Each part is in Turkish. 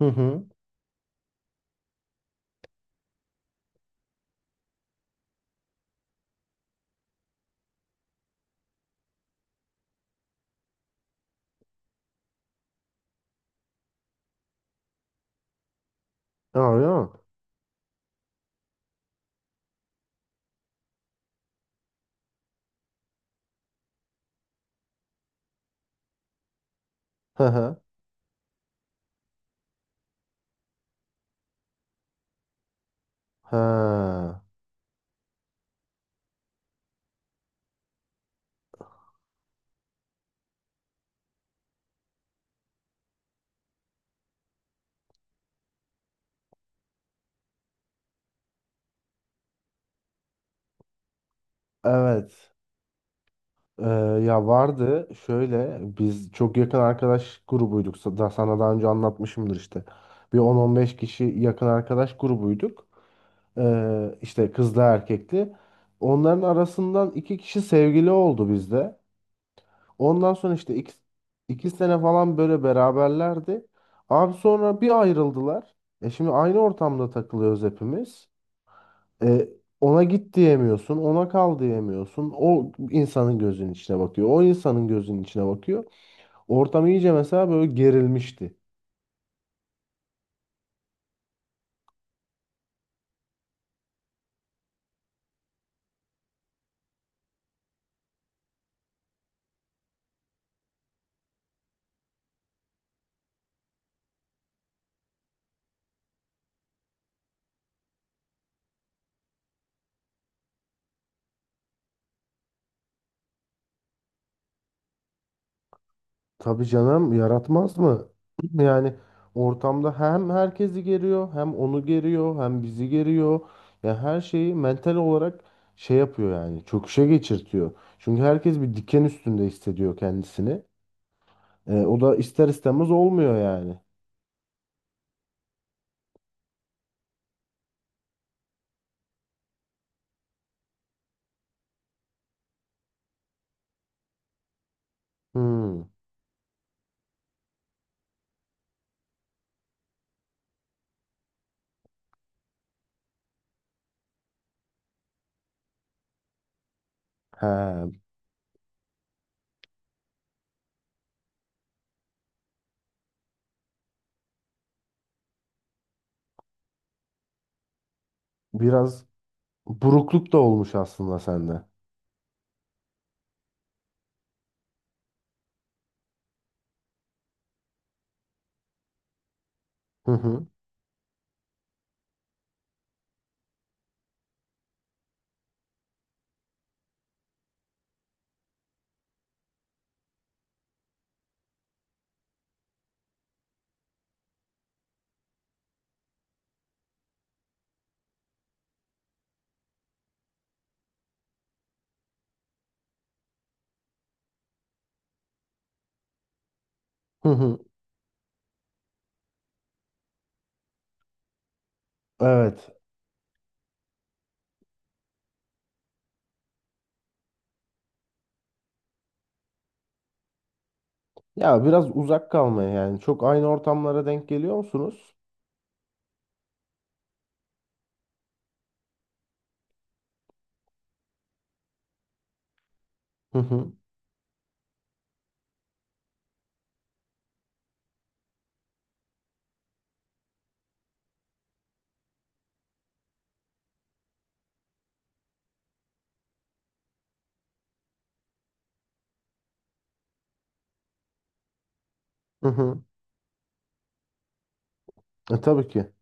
Hı hı. Ha, öyle mi? Hı hı. Ha. Evet. Ee, ya vardı şöyle biz çok yakın arkadaş grubuyduk. Daha sana daha önce anlatmışımdır işte. Bir on on beş kişi yakın arkadaş grubuyduk. İşte kızlı erkekli. Onların arasından iki kişi sevgili oldu bizde. Ondan sonra işte iki sene falan böyle beraberlerdi. Abi sonra bir ayrıldılar. Şimdi aynı ortamda takılıyoruz hepimiz. E, Ona git diyemiyorsun, ona kal diyemiyorsun. O insanın gözünün içine bakıyor. O insanın gözünün içine bakıyor. Ortam iyice mesela böyle gerilmişti. Tabii canım yaratmaz mı? Yani ortamda hem herkesi geriyor, hem onu geriyor, hem bizi geriyor. Ya her şeyi mental olarak şey yapıyor yani çöküşe geçirtiyor. Çünkü herkes bir diken üstünde hissediyor kendisini. O da ister istemez olmuyor yani. Hmm. He, biraz burukluk da olmuş aslında sende. Hı hı. Hı hı. Evet. Ya biraz uzak kalmaya yani. Çok aynı ortamlara denk geliyor musunuz? Hı hı. Hı hı. Tabii ki.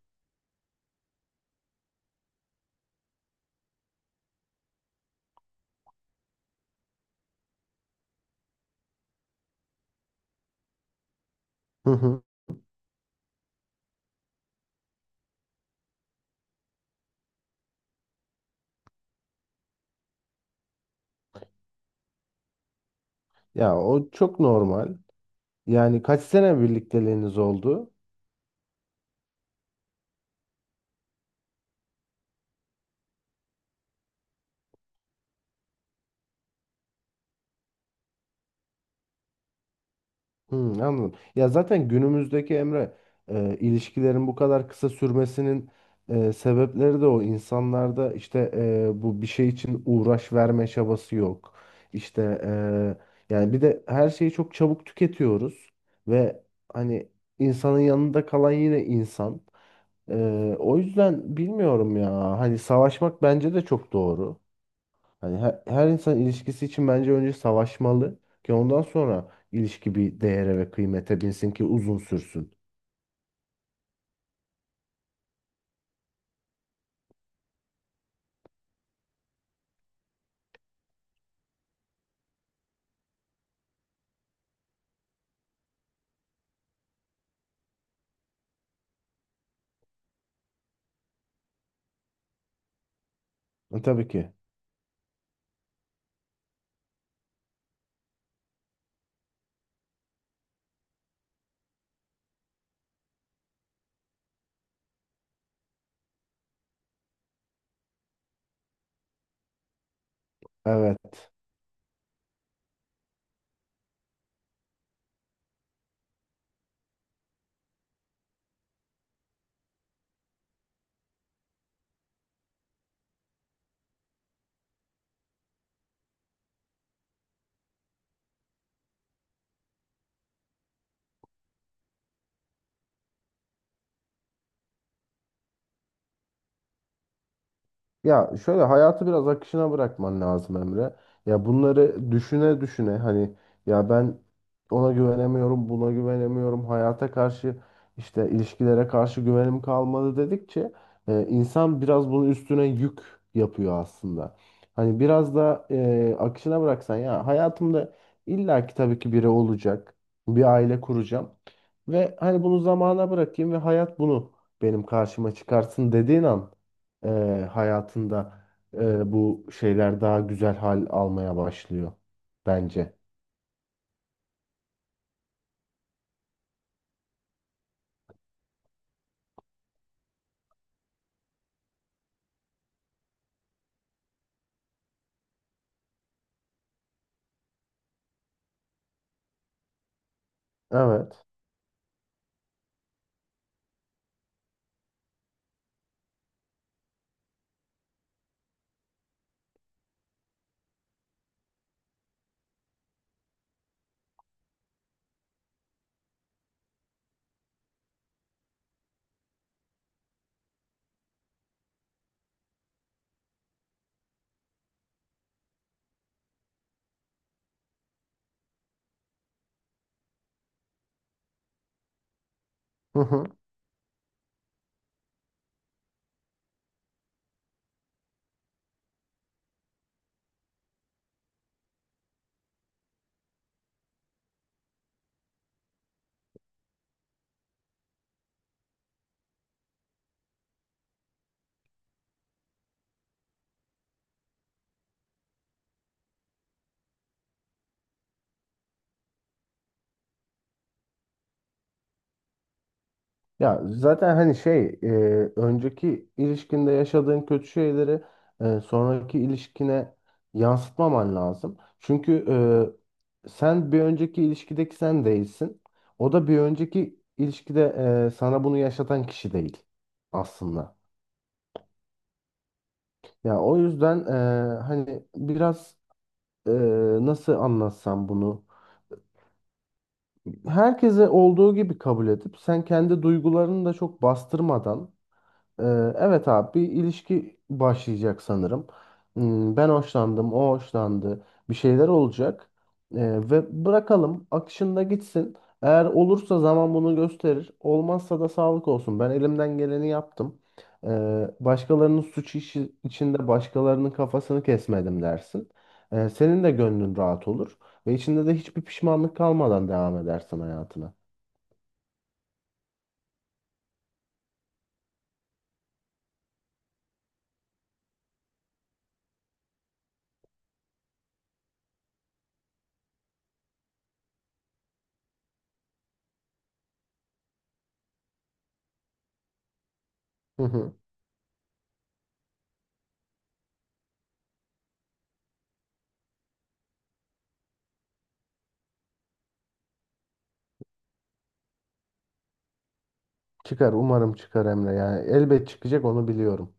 Hı hı. Ya o çok normal. Yani kaç sene birlikteliğiniz oldu? Hmm, anladım. Ya zaten günümüzdeki Emre ilişkilerin bu kadar kısa sürmesinin sebepleri de o. İnsanlarda işte bu bir şey için uğraş verme çabası yok. İşte yani bir de her şeyi çok çabuk tüketiyoruz ve hani insanın yanında kalan yine insan. E, O yüzden bilmiyorum ya. Hani savaşmak bence de çok doğru. Hani her, her insan ilişkisi için bence önce savaşmalı ki ondan sonra ilişki bir değere ve kıymete binsin ki uzun sürsün. Tabii ki. Evet. Ya şöyle hayatı biraz akışına bırakman lazım Emre. Ya bunları düşüne düşüne hani ya ben ona güvenemiyorum, buna güvenemiyorum, hayata karşı işte ilişkilere karşı güvenim kalmadı dedikçe insan biraz bunun üstüne yük yapıyor aslında. Hani biraz da akışına bıraksan ya hayatımda illaki tabii ki biri olacak, bir aile kuracağım ve hani bunu zamana bırakayım ve hayat bunu benim karşıma çıkarsın dediğin an e, hayatında bu şeyler daha güzel hal almaya başlıyor bence. Evet. Hı hı. Ya zaten hani şey önceki ilişkinde yaşadığın kötü şeyleri sonraki ilişkine yansıtmaman lazım. Çünkü sen bir önceki ilişkideki sen değilsin. O da bir önceki ilişkide sana bunu yaşatan kişi değil aslında. Ya o yüzden hani biraz e, nasıl anlatsam bunu? Herkese olduğu gibi kabul edip sen kendi duygularını da çok bastırmadan. Ee, Evet abi bir ilişki başlayacak sanırım. Ben hoşlandım, o hoşlandı. Bir şeyler olacak. Ee, ve bırakalım akışında gitsin. Eğer olursa zaman bunu gösterir. Olmazsa da sağlık olsun. Ben elimden geleni yaptım. Başkalarının suç işi içinde başkalarının kafasını kesmedim dersin. Senin de gönlün rahat olur. Ve içinde de hiçbir pişmanlık kalmadan devam edersin hayatına. Hı hı. Çıkar umarım çıkar Emre. Yani elbet çıkacak onu biliyorum.